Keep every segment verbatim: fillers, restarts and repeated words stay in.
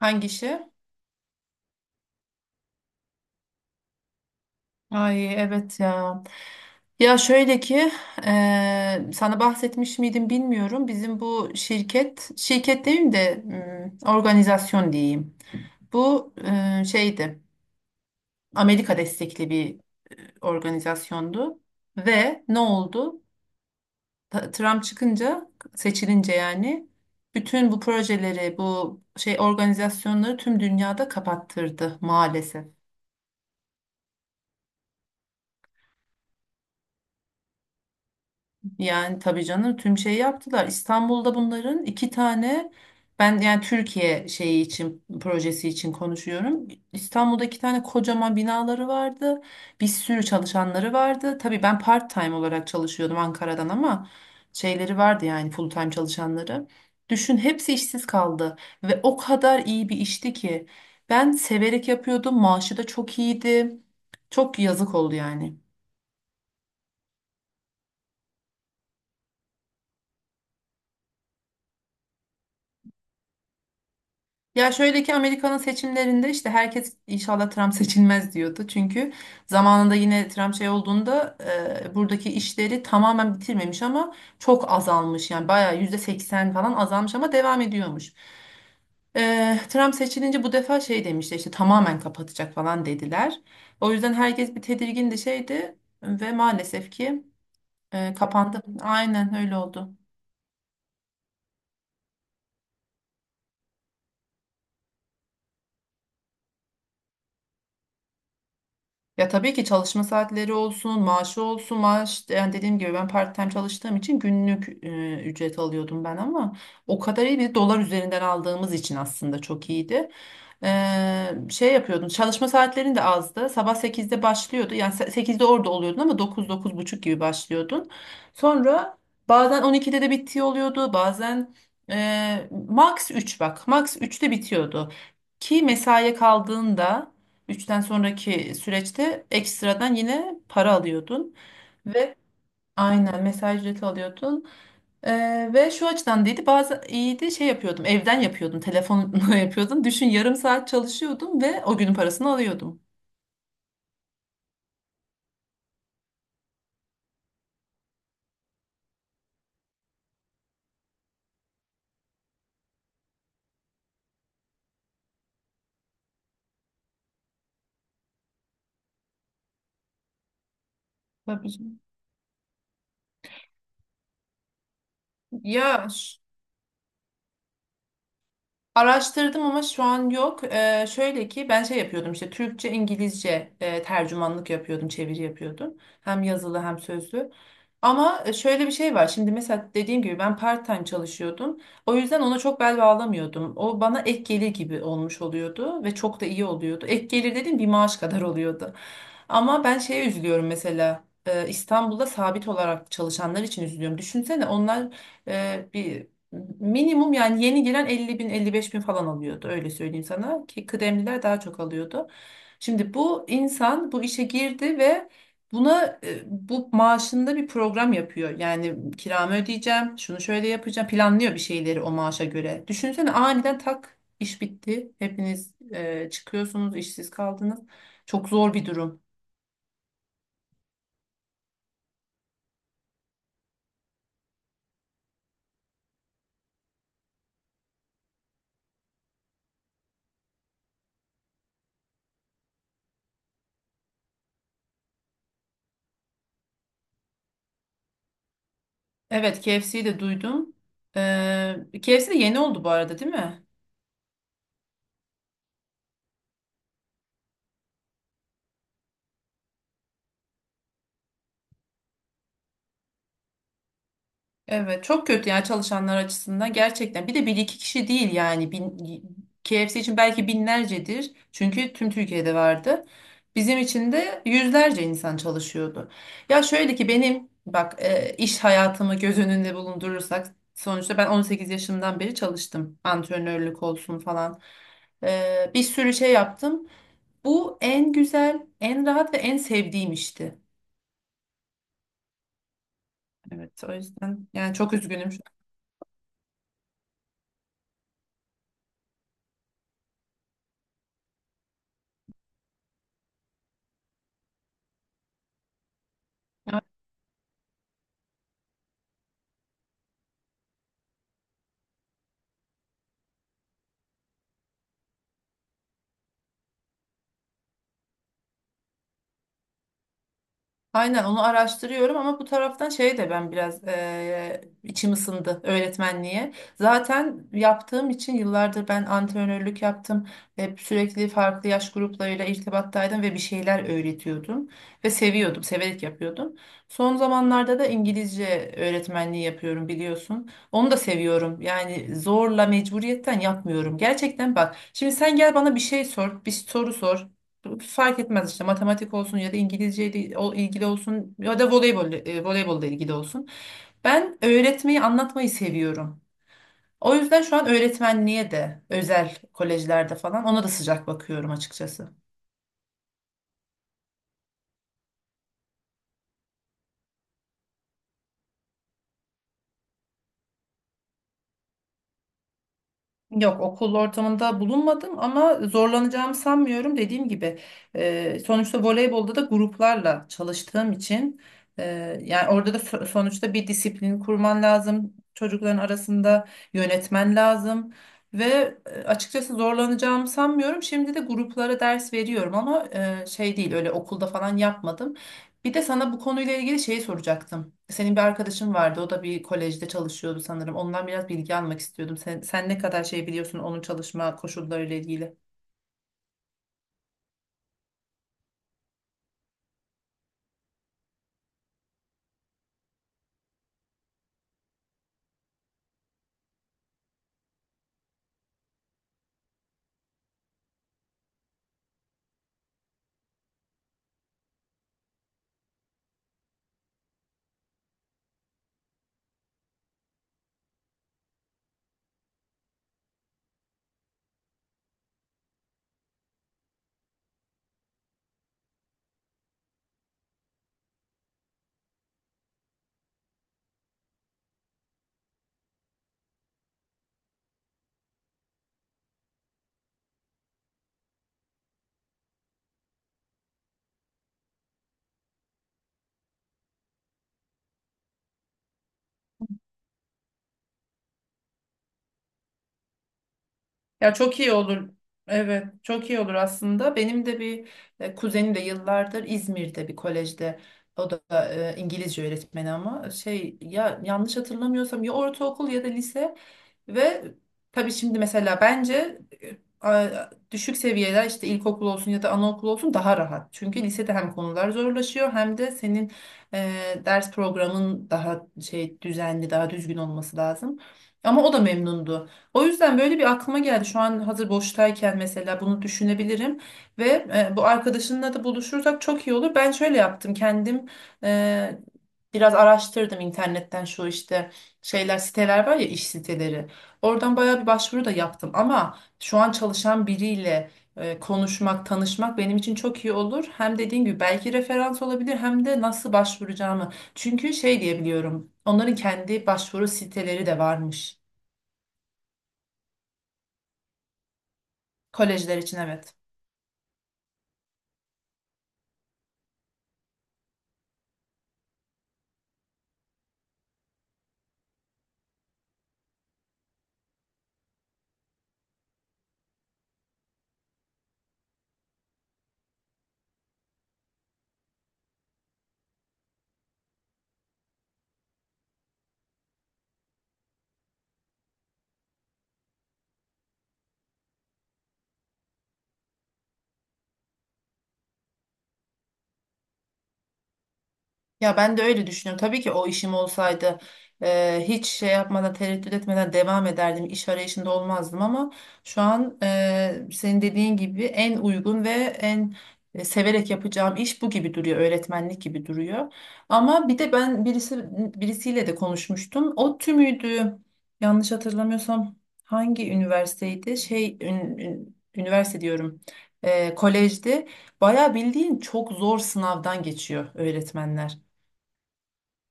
Hangisi? Ay evet ya. Ya şöyle ki eee, sana bahsetmiş miydim bilmiyorum. Bizim bu şirket, şirket demeyeyim de hmm, organizasyon diyeyim. Bu eee, şeydi, Amerika destekli bir eee, organizasyondu. Ve ne oldu? Ta- Trump çıkınca, seçilince yani bütün bu projeleri, bu şey organizasyonları tüm dünyada kapattırdı maalesef. Yani tabii canım, tüm şeyi yaptılar. İstanbul'da bunların iki tane. Ben yani Türkiye şeyi için, projesi için konuşuyorum. İstanbul'da iki tane kocaman binaları vardı. Bir sürü çalışanları vardı. Tabii ben part time olarak çalışıyordum Ankara'dan ama şeyleri vardı yani, full time çalışanları. Düşün, hepsi işsiz kaldı ve o kadar iyi bir işti ki ben severek yapıyordum. Maaşı da çok iyiydi. Çok yazık oldu yani. Ya şöyle ki Amerika'nın seçimlerinde işte herkes inşallah Trump seçilmez diyordu. Çünkü zamanında yine Trump şey olduğunda e, buradaki işleri tamamen bitirmemiş ama çok azalmış. Yani bayağı yüzde seksen falan azalmış ama devam ediyormuş. E, Trump seçilince bu defa şey demişti işte, tamamen kapatacak falan dediler. O yüzden herkes bir tedirgindi, şeydi ve maalesef ki e, kapandı. Aynen öyle oldu. Ya tabii ki çalışma saatleri olsun, maaşı olsun, maaş yani dediğim gibi ben part-time çalıştığım için günlük e, ücret alıyordum ben, ama o kadar iyi bir dolar üzerinden aldığımız için aslında çok iyiydi. Ee, şey yapıyordun. Çalışma saatlerin de azdı. Sabah sekizde başlıyordu. Yani se- sekizde orada oluyordun ama dokuz, dokuz buçuk gibi başlıyordun. Sonra bazen on ikide de bittiği oluyordu. Bazen e, max üç, bak. Max üçte bitiyordu. Ki mesaiye kaldığında üçten sonraki süreçte ekstradan yine para alıyordun. ve Aynen mesaj ücreti alıyordun. Ee, ve şu açıdan değildi, bazı iyiydi, şey yapıyordum evden yapıyordum telefonla yapıyordum. Düşün, yarım saat çalışıyordum ve o günün parasını alıyordum. Tabii canım. Ya araştırdım ama şu an yok. Ee, şöyle ki ben şey yapıyordum işte, Türkçe, İngilizce e, tercümanlık yapıyordum, çeviri yapıyordum. Hem yazılı hem sözlü. Ama e, şöyle bir şey var. Şimdi mesela dediğim gibi ben part-time çalışıyordum. O yüzden ona çok bel bağlamıyordum. O bana ek gelir gibi olmuş oluyordu ve çok da iyi oluyordu. Ek gelir dediğim bir maaş kadar oluyordu. Ama ben şeye üzülüyorum mesela, e, İstanbul'da sabit olarak çalışanlar için üzülüyorum. Düşünsene, onlar e, bir minimum, yani yeni giren elli bin, elli beş bin falan alıyordu, öyle söyleyeyim sana ki kıdemliler daha çok alıyordu. Şimdi bu insan bu işe girdi ve buna e, bu maaşında bir program yapıyor. Yani kiramı ödeyeceğim, şunu şöyle yapacağım, planlıyor bir şeyleri o maaşa göre. Düşünsene, aniden tak iş bitti, hepiniz e, çıkıyorsunuz, işsiz kaldınız. Çok zor bir durum. Evet, K F C'yi de duydum. Ee, K F C de yeni oldu bu arada, değil mi? Evet, çok kötü yani çalışanlar açısından, gerçekten. Bir de bir iki kişi değil yani. Bin, K F C için belki binlercedir. Çünkü tüm Türkiye'de vardı. Bizim için de yüzlerce insan çalışıyordu. Ya şöyle ki benim bak, e, iş hayatımı göz önünde bulundurursak, sonuçta ben on sekiz yaşımdan beri çalıştım. Antrenörlük olsun falan. Ee, bir sürü şey yaptım. Bu en güzel, en rahat ve en sevdiğim işti. Evet, o yüzden yani çok üzgünüm. Aynen, onu araştırıyorum ama bu taraftan şey de, ben biraz eee, içim ısındı öğretmenliğe. Zaten yaptığım için, yıllardır ben antrenörlük yaptım. Hep sürekli farklı yaş gruplarıyla irtibattaydım ve bir şeyler öğretiyordum. Ve seviyordum, severek yapıyordum. Son zamanlarda da İngilizce öğretmenliği yapıyorum, biliyorsun. Onu da seviyorum. Yani zorla, mecburiyetten yapmıyorum. Gerçekten bak, şimdi sen gel bana bir şey sor, bir soru sor, fark etmez, işte matematik olsun ya da İngilizceyle ol- ilgili olsun ya da voleybol e, voleybolla ilgili olsun. Ben öğretmeyi, anlatmayı seviyorum. O yüzden şu an öğretmenliğe de, özel kolejlerde falan, ona da sıcak bakıyorum açıkçası. Yok, okul ortamında bulunmadım ama zorlanacağımı sanmıyorum. Dediğim gibi, e, sonuçta voleybolda da gruplarla çalıştığım için, e, yani orada da so- sonuçta bir disiplin kurman lazım. Çocukların arasında yönetmen lazım ve e, açıkçası zorlanacağımı sanmıyorum. Şimdi de gruplara ders veriyorum ama e, şey değil, öyle okulda falan yapmadım. Bir de sana bu konuyla ilgili şeyi soracaktım. Senin bir arkadaşın vardı. O da bir kolejde çalışıyordu sanırım. Ondan biraz bilgi almak istiyordum. Sen, sen ne kadar şey biliyorsun onun çalışma koşullarıyla ilgili? Ya çok iyi olur. Evet, çok iyi olur aslında. Benim de bir e, kuzenim de yıllardır İzmir'de bir kolejde. O da e, İngilizce öğretmeni ama e, şey ya, yanlış hatırlamıyorsam ya ortaokul ya da lise. Ve tabii şimdi mesela bence e, a- düşük seviyeler, işte ilkokul olsun ya da anaokul olsun, daha rahat. Çünkü lisede hem konular zorlaşıyor hem de senin e, ders programın daha şey düzenli, daha düzgün olması lazım. Ama o da memnundu. O yüzden böyle bir aklıma geldi, şu an hazır boştayken mesela bunu düşünebilirim ve e, bu arkadaşınla da buluşursak çok iyi olur. Ben şöyle yaptım kendim. E, biraz araştırdım internetten, şu işte şeyler, siteler var ya, iş siteleri. Oradan bayağı bir başvuru da yaptım ama şu an çalışan biriyle e, konuşmak, tanışmak benim için çok iyi olur. Hem dediğin gibi belki referans olabilir, hem de nasıl başvuracağımı. Çünkü şey diyebiliyorum, onların kendi başvuru siteleri de varmış. Kolejler için, evet. Ya ben de öyle düşünüyorum. Tabii ki o işim olsaydı e, hiç şey yapmadan, tereddüt etmeden devam ederdim. İş arayışında olmazdım ama şu an e, senin dediğin gibi en uygun ve en e, severek yapacağım iş bu gibi duruyor. Öğretmenlik gibi duruyor. Ama bir de ben birisi birisiyle de konuşmuştum. O tümüydü. Yanlış hatırlamıyorsam hangi üniversiteydi? Şey ün- ün- üniversite diyorum. E, kolejdi. Bayağı bildiğin çok zor sınavdan geçiyor öğretmenler.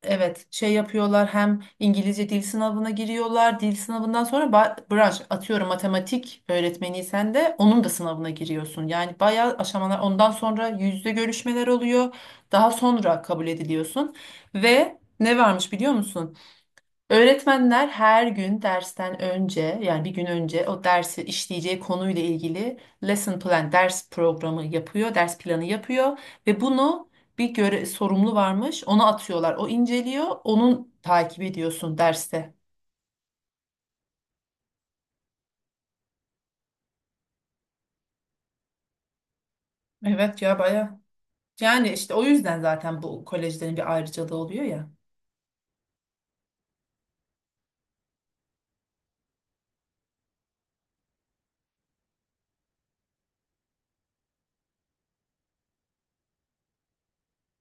Evet, şey yapıyorlar, hem İngilizce dil sınavına giriyorlar. Dil sınavından sonra ba- branş, atıyorum matematik öğretmeniysen de onun da sınavına giriyorsun. Yani bayağı aşamalar, ondan sonra yüzde görüşmeler oluyor. Daha sonra kabul ediliyorsun. Ve ne varmış biliyor musun? Öğretmenler her gün dersten önce, yani bir gün önce o dersi işleyeceği konuyla ilgili lesson plan, ders programı yapıyor, ders planı yapıyor ve bunu bir göre sorumlu varmış, ona atıyorlar. O inceliyor, onun takip ediyorsun derste. Evet ya, baya. Yani işte o yüzden zaten bu kolejlerin bir ayrıcalığı oluyor ya.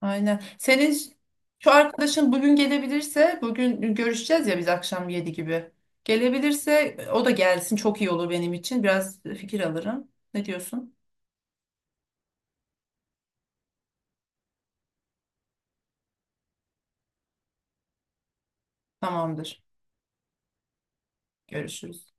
Aynen. Senin ş- şu arkadaşın bugün gelebilirse, bugün görüşeceğiz ya biz akşam yedi gibi. Gelebilirse o da gelsin, çok iyi olur benim için. Biraz fikir alırım. Ne diyorsun? Tamamdır. Görüşürüz.